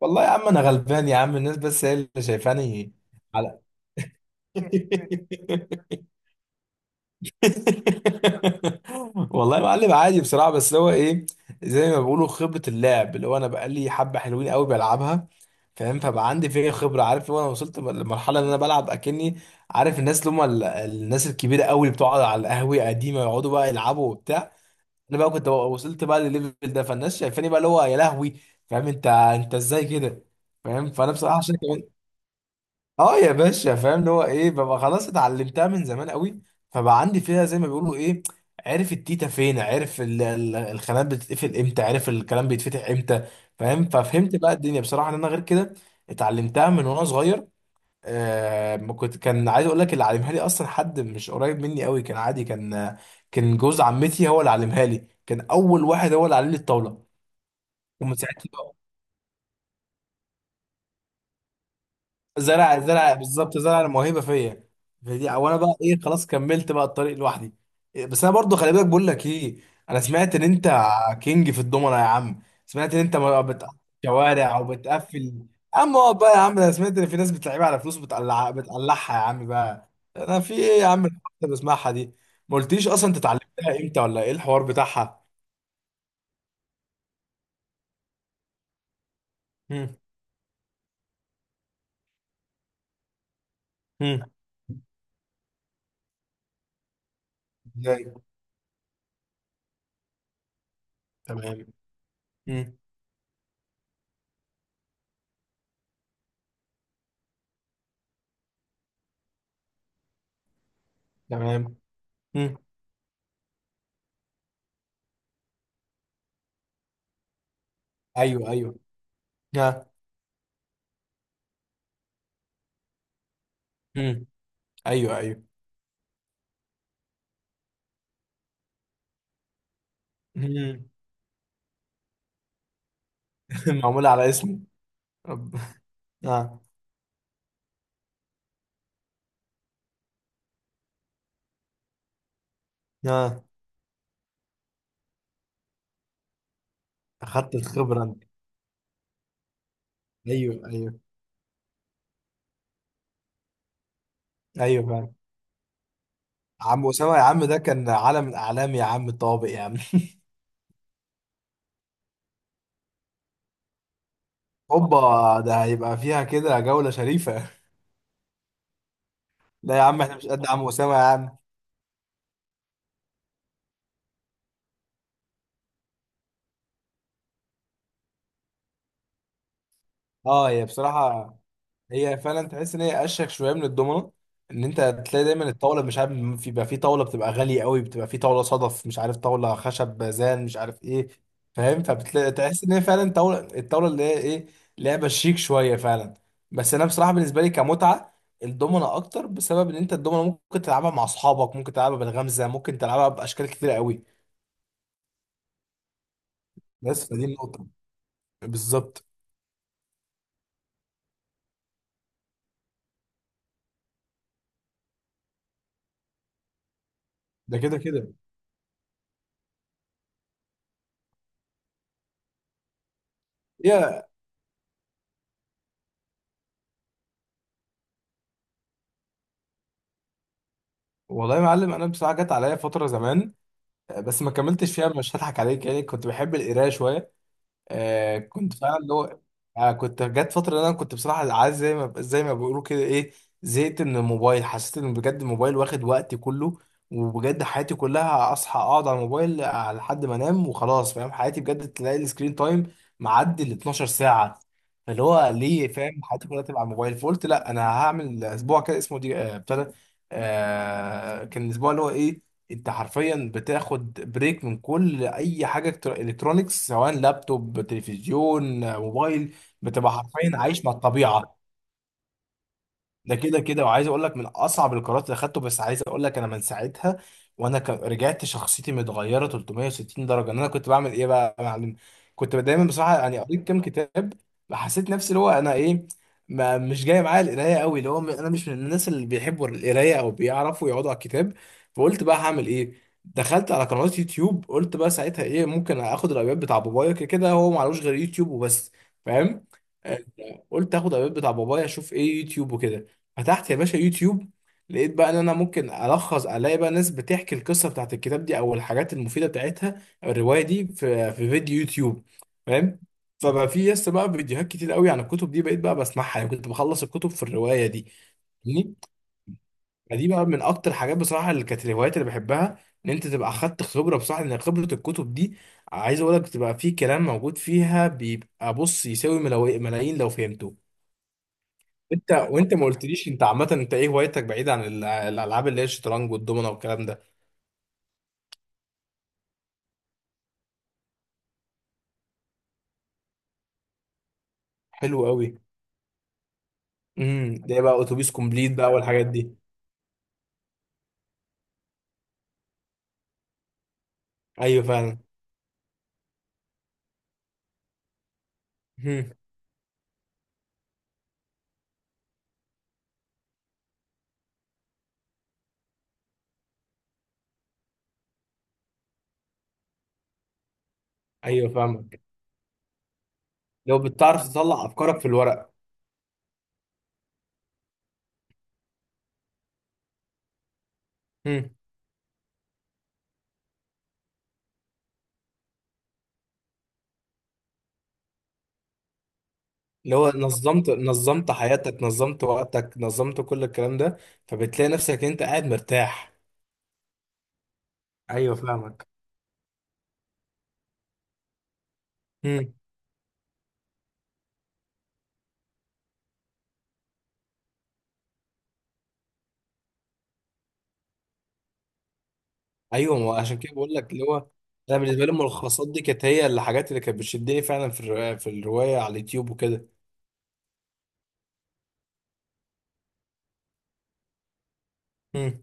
والله يا عم انا غلبان يا عم الناس بس هي اللي شايفاني على. والله يا معلم عادي بصراحه، بس هو ايه، زي ما بيقولوا خبره اللعب، اللي هو انا بقالي حبه حلوين قوي بلعبها، فاهم؟ فبقى عندي فيها خبره، عارف اللي هو انا وصلت لمرحله ان انا بلعب اكني عارف الناس اللي هم الناس الكبيره قوي اللي بتقعد على القهوه قديمه يقعدوا بقى يلعبوا وبتاع. انا بقى كنت وصلت بقى للليفل ده، فالناس شايفاني بقى اللي هو يا لهوي، فاهم؟ انت ازاي كده؟ فاهم؟ فانا بصراحه عشان كده، اه يا باشا، فاهم اللي هو ايه، ببقى خلاص اتعلمتها من زمان قوي، فبقى عندي فيها زي ما بيقولوا ايه، عارف التيتا فين، عارف الخانات بتتقفل امتى، عارف الكلام بيتفتح امتى، فاهم؟ ففهمت بقى الدنيا بصراحه ان انا غير كده. اتعلمتها من وانا صغير. آه، ما كنت كان عايز اقول لك، اللي علمها لي اصلا حد مش قريب مني قوي، كان عادي، كان كان جوز عمتي هو اللي علمها لي، كان اول واحد هو اللي علم لي الطاوله، ومن ساعتها. زرع بالظبط، زرع الموهبه فيا. فدي، او انا بقى ايه، خلاص كملت بقى الطريق لوحدي. إيه، بس انا برضو خلي بالك بقول لك ايه، انا سمعت ان انت كينج في الضمنه يا عم، سمعت ان انت ما بتقفل شوارع، او بتقفل؟ اما هو بقى، يا عم انا سمعت ان في ناس بتلعبها على فلوس، بتقلع بتقلعها يا عم بقى، انا في ايه يا عم الحاجات اللي بسمعها دي؟ ما قلتليش اصلا انت اتعلمتها امتى، ولا ايه الحوار بتاعها؟ هم. هم. ازاي. تمام. هم. تمام. هم. ايوه ايوه. ها. هم. ايوه ايوه. مم. معمولة على اسمه. رب- اه. اه. اخدت الخبرة انت. ايوه ايوه. ايوه فعلا. عم أسامة يا عم، ده كان علم من أعلام يا عم الطوابق يا عم. هوبا، ده هيبقى فيها كده جولة شريفة. لا يا عم احنا مش قد عم أسامة يا عم. اه، هي بصراحة هي فعلا تحس ان هي اشيك شويه من الدومنه. ان انت تلاقي دايما الطاوله مش عارف، بيبقى في طاوله بتبقى غاليه قوي، بتبقى في طاوله صدف، مش عارف طاوله خشب بازان، مش عارف ايه، فاهم؟ فبتلاقي تحس ان هي فعلا طاوله، الطاوله اللي هي ايه، لعبه شيك شويه فعلا. بس انا بصراحه بالنسبه لي كمتعه الدومنه اكتر، بسبب ان انت الدومنه ممكن تلعبها مع اصحابك، ممكن تلعبها بالغمزه، ممكن تلعبها باشكال كتير قوي. بس فدي النقطه. بالظبط. ده كده كده. هي والله يا معلم، انا بصراحه جت عليا فتره زمان، بس ما كملتش فيها مش هضحك عليك، يعني كنت بحب القرايه شويه. آه كنت فعلا اللي هو، آه كنت جت فتره إن انا كنت بصراحه عايز زي ما بيقولوا كده ايه، زهقت من الموبايل، حسيت ان بجد الموبايل واخد وقتي كله، وبجد حياتي كلها اصحى اقعد على الموبايل، آه، لحد ما انام وخلاص، فاهم؟ حياتي بجد تلاقي السكرين تايم معدي ال 12 ساعه، فاللي هو ليه، فاهم؟ حياتي كلها تبقى على الموبايل، فقلت لا انا هعمل اسبوع كده اسمه دي، آه ابتدى. آه كان الاسبوع اللي هو ايه، انت حرفيا بتاخد بريك من كل اي حاجه، الكترونيكس، سواء لابتوب، تلفزيون، موبايل، بتبقى حرفيا عايش مع الطبيعه. ده كده كده، وعايز اقول لك من اصعب القرارات اللي اخدته، بس عايز اقول لك انا من ساعتها وانا رجعت شخصيتي متغيره 360 درجه. ان انا كنت بعمل ايه بقى يا معلم، كنت دايما بصراحه يعني قريت كام كتاب، حسيت نفسي اللي هو انا ايه، ما مش جاي معايا القرايه قوي، اللي هو انا مش من الناس اللي بيحبوا القرايه او بيعرفوا يقعدوا على الكتاب. فقلت بقى هعمل ايه، دخلت على قنوات يوتيوب، قلت بقى ساعتها ايه، ممكن اخد الايباد بتاع بابايا، كده كده هو معلوش غير يوتيوب وبس، فاهم؟ قلت اخد الابيض بتاع بابايا اشوف ايه يوتيوب وكده. فتحت يا باشا يوتيوب، لقيت بقى ان انا ممكن الخص، الاقي بقى ناس بتحكي القصه بتاعت الكتاب دي، او الحاجات المفيده بتاعتها، أو الروايه دي في في فيديو يوتيوب، فاهم؟ فبقى في يس بقى فيديوهات كتير قوي عن الكتب دي، بقيت بقى بسمعها، يعني كنت بخلص الكتب في الروايه دي، فاهمني؟ فدي بقى من اكتر الحاجات بصراحه اللي كانت الهوايات اللي بحبها، ان انت تبقى اخدت خبره، بصراحه لان خبره الكتب دي، عايز اقول لك بتبقى في كلام موجود فيها، بيبقى بص يساوي ملايين لو فهمته. انت وانت ما قلتليش انت عامه انت ايه هوايتك، بعيد عن الالعاب اللي هي الشطرنج والدومنه والكلام ده؟ حلو قوي. امم، ده إيه بقى، اتوبيس كومبليت بقى والحاجات دي؟ ايوه فعلا. امم. ايوه فاهمك. لو بتعرف تطلع افكارك في الورق. امم. اللي هو نظمت، نظمت حياتك، نظمت وقتك، نظمت كل الكلام ده، فبتلاقي نفسك انت قاعد مرتاح. ايوه فاهمك. امم. ايوه، ما عشان كده بقول لك اللي هو، انا بالنسبه لي الملخصات دي كانت هي الحاجات اللي كانت بتشدني فعلا في في الروايه على اليوتيوب وكده. امم،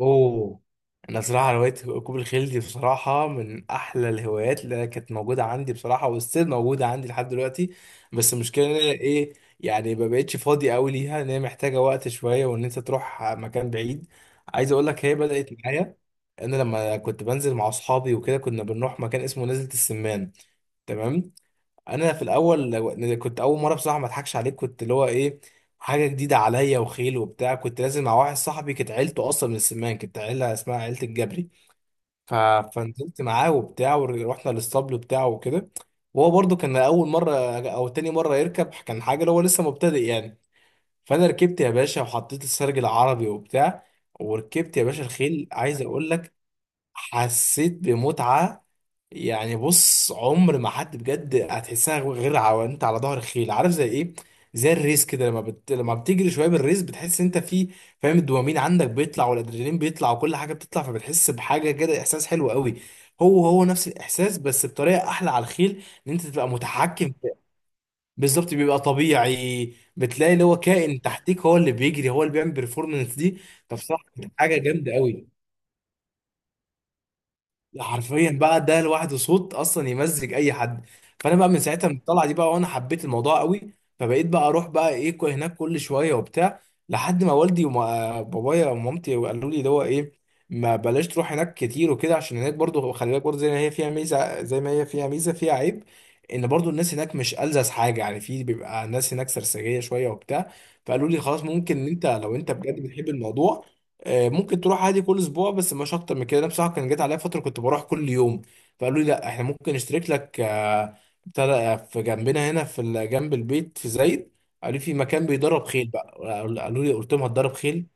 اوه. انا صراحه هوايه ركوب الخيل دي بصراحه من احلى الهوايات اللي أنا كانت موجوده عندي، بصراحه والسير موجوده عندي لحد دلوقتي. بس المشكله ان انا ايه، يعني ما بقتش فاضي قوي ليها، ان هي محتاجه وقت شويه، وان انت تروح مكان بعيد. عايز اقول لك هي بدات معايا، انا لما كنت بنزل مع اصحابي وكده كنا بنروح مكان اسمه نزلة السمان، تمام؟ انا في الاول كنت اول مره بصراحه ما اضحكش عليك، كنت اللي هو ايه، حاجه جديده عليا، وخيل وبتاع، كنت لازم مع واحد صاحبي كانت عيلته اصلا من السمان، كانت عيله اسمها عيله الجبري، ف... فنزلت معاه وبتاع، ورحنا للاسطبل بتاعه وكده. وهو برضو كان اول مره او تاني مره يركب، كان حاجه اللي هو لسه مبتدئ يعني. فانا ركبت يا باشا، وحطيت السرج العربي وبتاع، وركبت يا باشا الخيل. عايز اقول لك حسيت بمتعه، يعني بص عمر ما حد بجد هتحسها غير انت على ظهر الخيل، عارف زي ايه، زي الريس كده لما لما بتجري شويه بالريس بتحس انت في، فاهم؟ الدوبامين عندك بيطلع، والادرينالين بيطلع، وكل حاجه بتطلع، فبتحس بحاجه كده احساس حلو قوي. هو هو نفس الاحساس، بس بطريقه احلى على الخيل، ان انت تبقى متحكم بالظبط، بيبقى طبيعي، بتلاقي اللي هو كائن تحتيك هو اللي بيجري، هو اللي بيعمل بيرفورمانس دي. فبصراحه كانت حاجه جامده قوي. لا حرفيا بقى ده لوحده صوت اصلا يمزج اي حد. فانا بقى من ساعتها من الطلعه دي بقى، وانا حبيت الموضوع قوي، فبقيت بقى اروح بقى ايه هناك كل شويه وبتاع. لحد ما والدي وبابايا ومامتي قالوا لي ده هو ايه، ما بلاش تروح هناك كتير وكده، عشان هناك برضو خلي بالك، برضو زي ما هي فيها ميزه، فيها عيب، ان برضو الناس هناك مش ألذذ حاجه يعني، في بيبقى الناس هناك سرسجيه شويه وبتاع. فقالوا لي خلاص ممكن إن انت لو انت بجد بتحب الموضوع، آه، ممكن تروح عادي كل اسبوع، بس مش اكتر من كده، انا بصراحه كان جات عليا فتره كنت بروح كل يوم. فقالوا لي لا احنا ممكن نشترك لك، آه، بتاع ده، آه، في جنبنا هنا في جنب البيت في زايد. قالوا لي في مكان بيدرب خيل بقى، قالوا لي، قلت لهم هتدرب خيل؟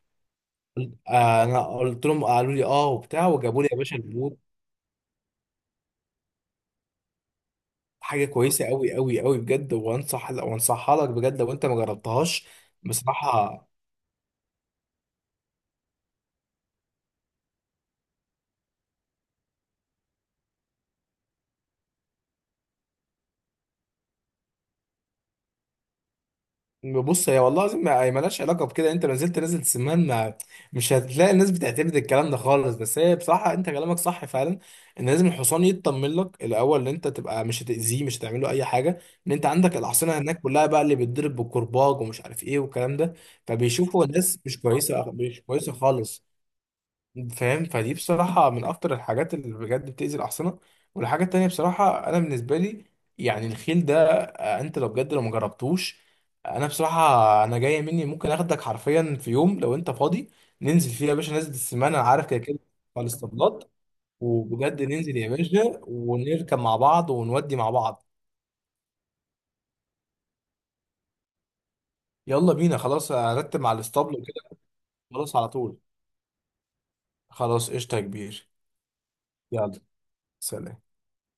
آه، انا قلت لهم، قالوا لي اه وبتاع، وجابوا لي يا باشا البوت. حاجه كويسه قوي قوي قوي بجد، وانصح وانصحها لك بجد لو انت ما جربتهاش. بصراحه بص هي والله العظيم ما ما لهاش علاقه بكده، انت لو نزلت نازل سمان ما، مش هتلاقي الناس بتعتمد الكلام ده خالص. بس هي بصراحه انت كلامك صح فعلا، ان لازم الحصان يطمن لك الاول، ان انت تبقى مش هتاذيه، مش هتعمل له اي حاجه. ان انت عندك الاحصنه هناك كلها بقى اللي بتضرب بالكرباج، ومش عارف ايه، والكلام ده، فبيشوفوا الناس مش كويسه، مش كويسه خالص، فاهم؟ فدي بصراحة من أكتر الحاجات اللي بجد بتأذي الأحصنة. والحاجة التانية بصراحة أنا بالنسبة لي، يعني الخيل ده آه، أنت لو بجد لو مجربتوش، أنا بصراحة أنا جاية مني ممكن أخدك حرفيا في يوم لو أنت فاضي، ننزل فيه يا باشا نزلة السمان، أنا عارف كده كده على الاسطبلات، وبجد ننزل يا باشا ونركب مع بعض ونودي مع بعض. يلا بينا خلاص، أرتب مع الاسطبل وكده. خلاص على طول. خلاص قشطة يا كبير. يلا سلام.